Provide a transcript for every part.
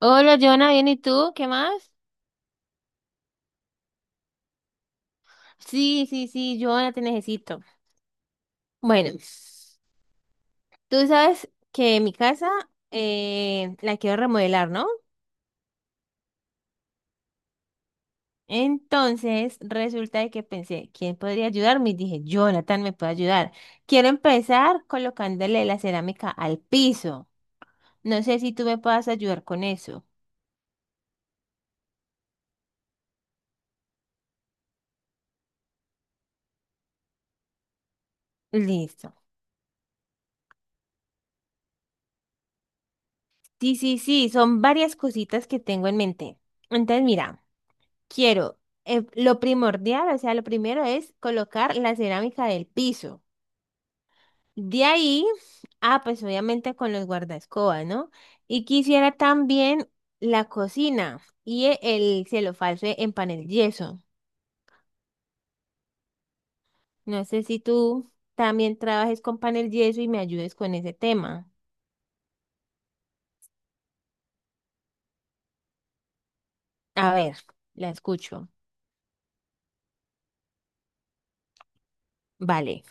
Hola, Jonah, ¿bien y tú? ¿Qué más? Sí, sí, sí, Jonah, te necesito. Bueno, tú sabes que mi casa la quiero remodelar, ¿no? Entonces, resulta de que pensé, ¿quién podría ayudarme? Y dije, Jonathan me puede ayudar. Quiero empezar colocándole la cerámica al piso. No sé si tú me puedas ayudar con eso. Listo. Sí, sí, sí, son varias cositas que tengo en mente. Entonces, mira. Quiero, lo primordial, o sea, lo primero es colocar la cerámica del piso. De ahí, ah, pues obviamente con los guardaescobas, ¿no? Y quisiera también la cocina y el cielo falso en panel yeso. No sé si tú también trabajes con panel yeso y me ayudes con ese tema. A ver, la escucho. Vale.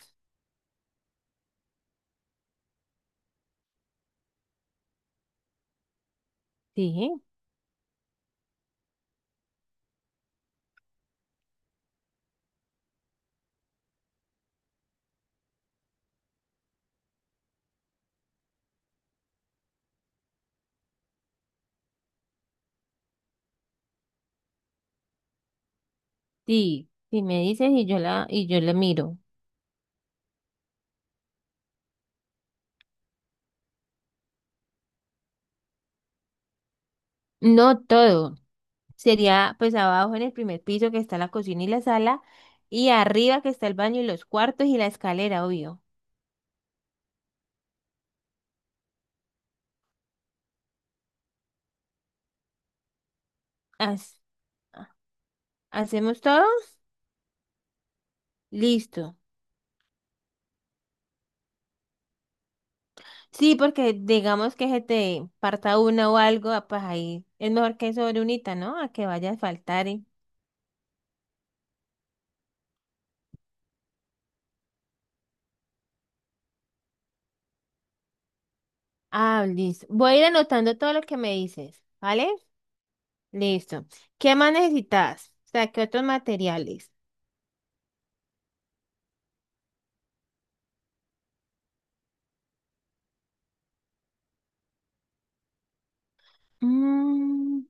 Sí, sí, sí me dices y y yo la miro. No todo. Sería pues abajo en el primer piso que está la cocina y la sala y arriba que está el baño y los cuartos y la escalera, obvio. Haz- ¿Hacemos todo? Listo. Sí, porque digamos que se te parta una o algo, ah, pues ahí es mejor que sobre unita, ¿no? A que vaya a faltar. Y- Ah, listo. Voy a ir anotando todo lo que me dices, ¿vale? Listo. ¿Qué más necesitas? O sea, ¿qué otros materiales? Mm.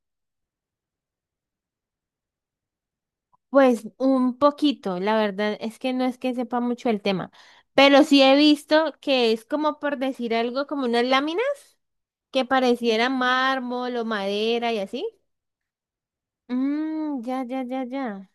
Pues un poquito, la verdad es que no es que sepa mucho el tema, pero sí he visto que es como por decir algo, como unas láminas que pareciera mármol o madera y así. Mm, ya, ya, ya, ya.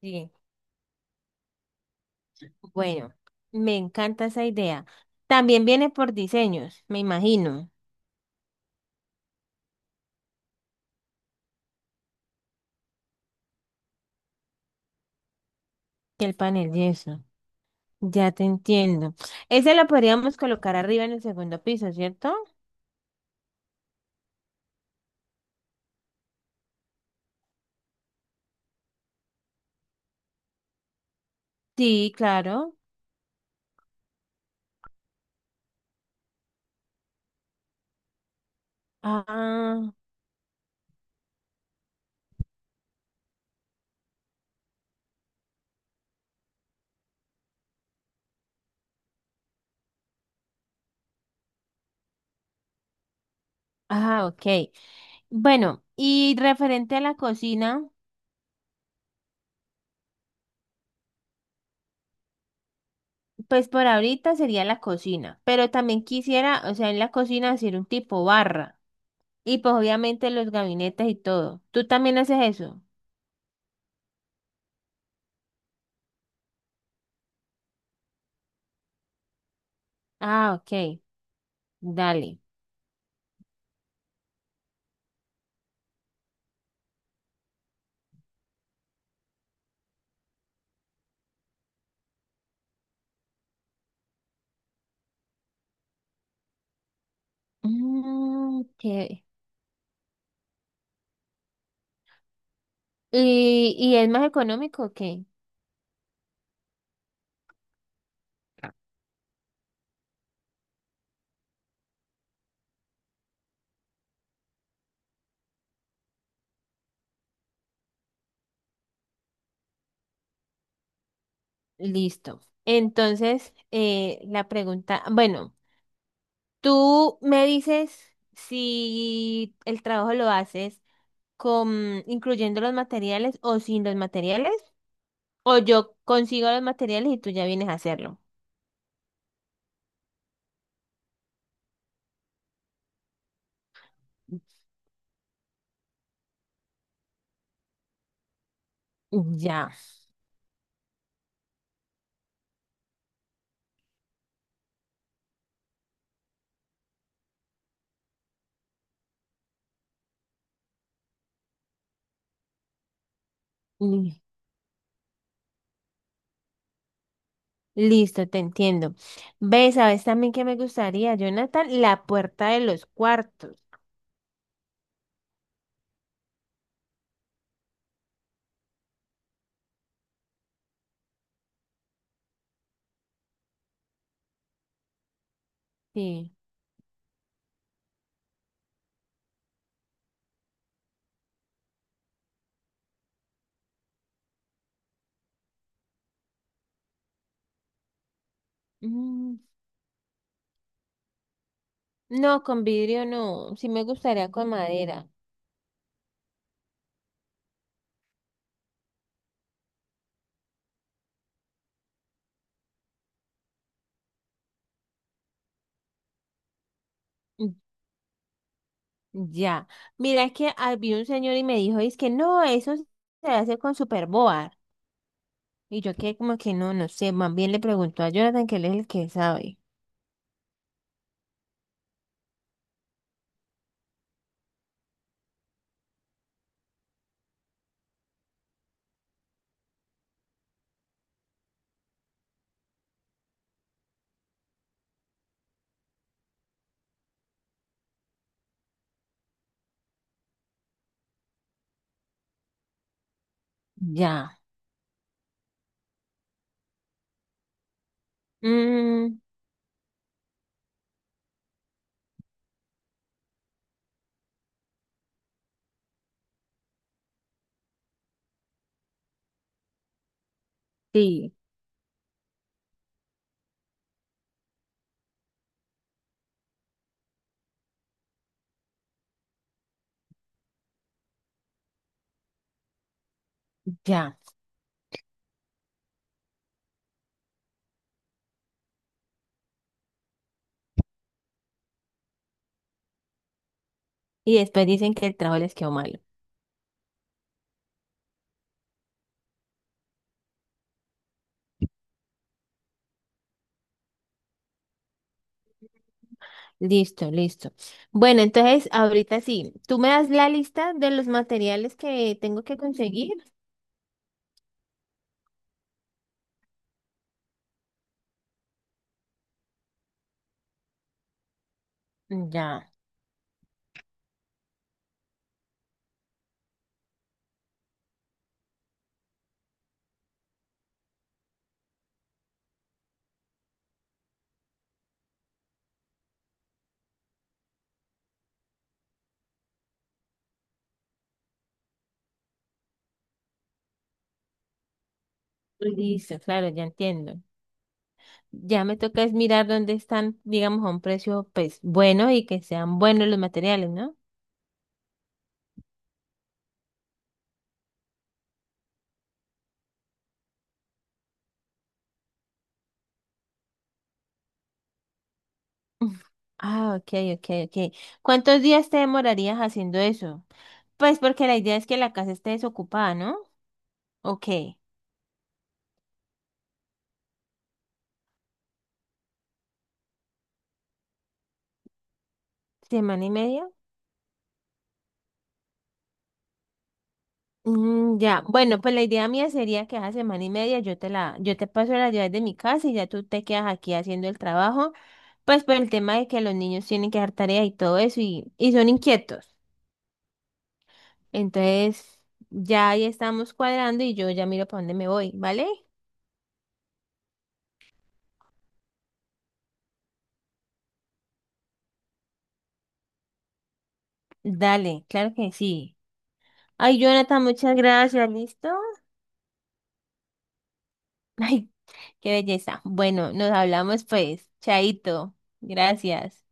Sí, bueno, me encanta esa idea. También viene por diseños, me imagino, que el panel y eso. Ya te entiendo. Ese lo podríamos colocar arriba en el segundo piso, ¿cierto? Sí, claro. Ah. Ah, ok. Bueno, y referente a la cocina, pues por ahorita sería la cocina, pero también quisiera, o sea, en la cocina hacer un tipo barra y pues obviamente los gabinetes y todo. ¿Tú también haces eso? Ah, ok. Dale. Mm, chévere. Y es más económico o qué? Listo. Entonces, la pregunta, bueno, tú me dices si el trabajo lo haces, con, incluyendo los materiales o sin los materiales, o yo consigo los materiales y tú ya vienes a hacerlo. Ya. Li- Listo, te entiendo. ¿Ves? ¿Sabes también que me gustaría, Jonathan? La puerta de los cuartos. Sí. Mm. No, con vidrio no. Sí me gustaría con madera. Mm. Ya. Mira que había un señor y me dijo, es que no, eso se hace con superboard. Y yo que como que no, no sé. Más bien le preguntó a Jonathan que él es el que sabe. Ya. Mm, sí, ya. Y después dicen que el trabajo les quedó malo. Listo, listo. Bueno, entonces ahorita sí, tú me das la lista de los materiales que tengo que conseguir. Ya. Listo, claro, ya entiendo. Ya me toca es mirar dónde están, digamos, a un precio, pues, bueno y que sean buenos los materiales, ¿no? Uf. Ah, ok, ok, ok. ¿Cuántos días te demorarías haciendo eso? Pues porque la idea es que la casa esté desocupada, ¿no? Ok. ¿Semana y media? Mm, ya, bueno, pues la idea mía sería que hace semana y media yo te paso las llaves de mi casa y ya tú te quedas aquí haciendo el trabajo, pues por el tema de que los niños tienen que hacer tareas y todo eso y son inquietos. Entonces, ya ahí estamos cuadrando y yo ya miro para dónde me voy, ¿vale? Dale, claro que sí. Ay, Jonathan, muchas gracias, ¿listo? Ay, qué belleza. Bueno, nos hablamos pues, chaito, gracias.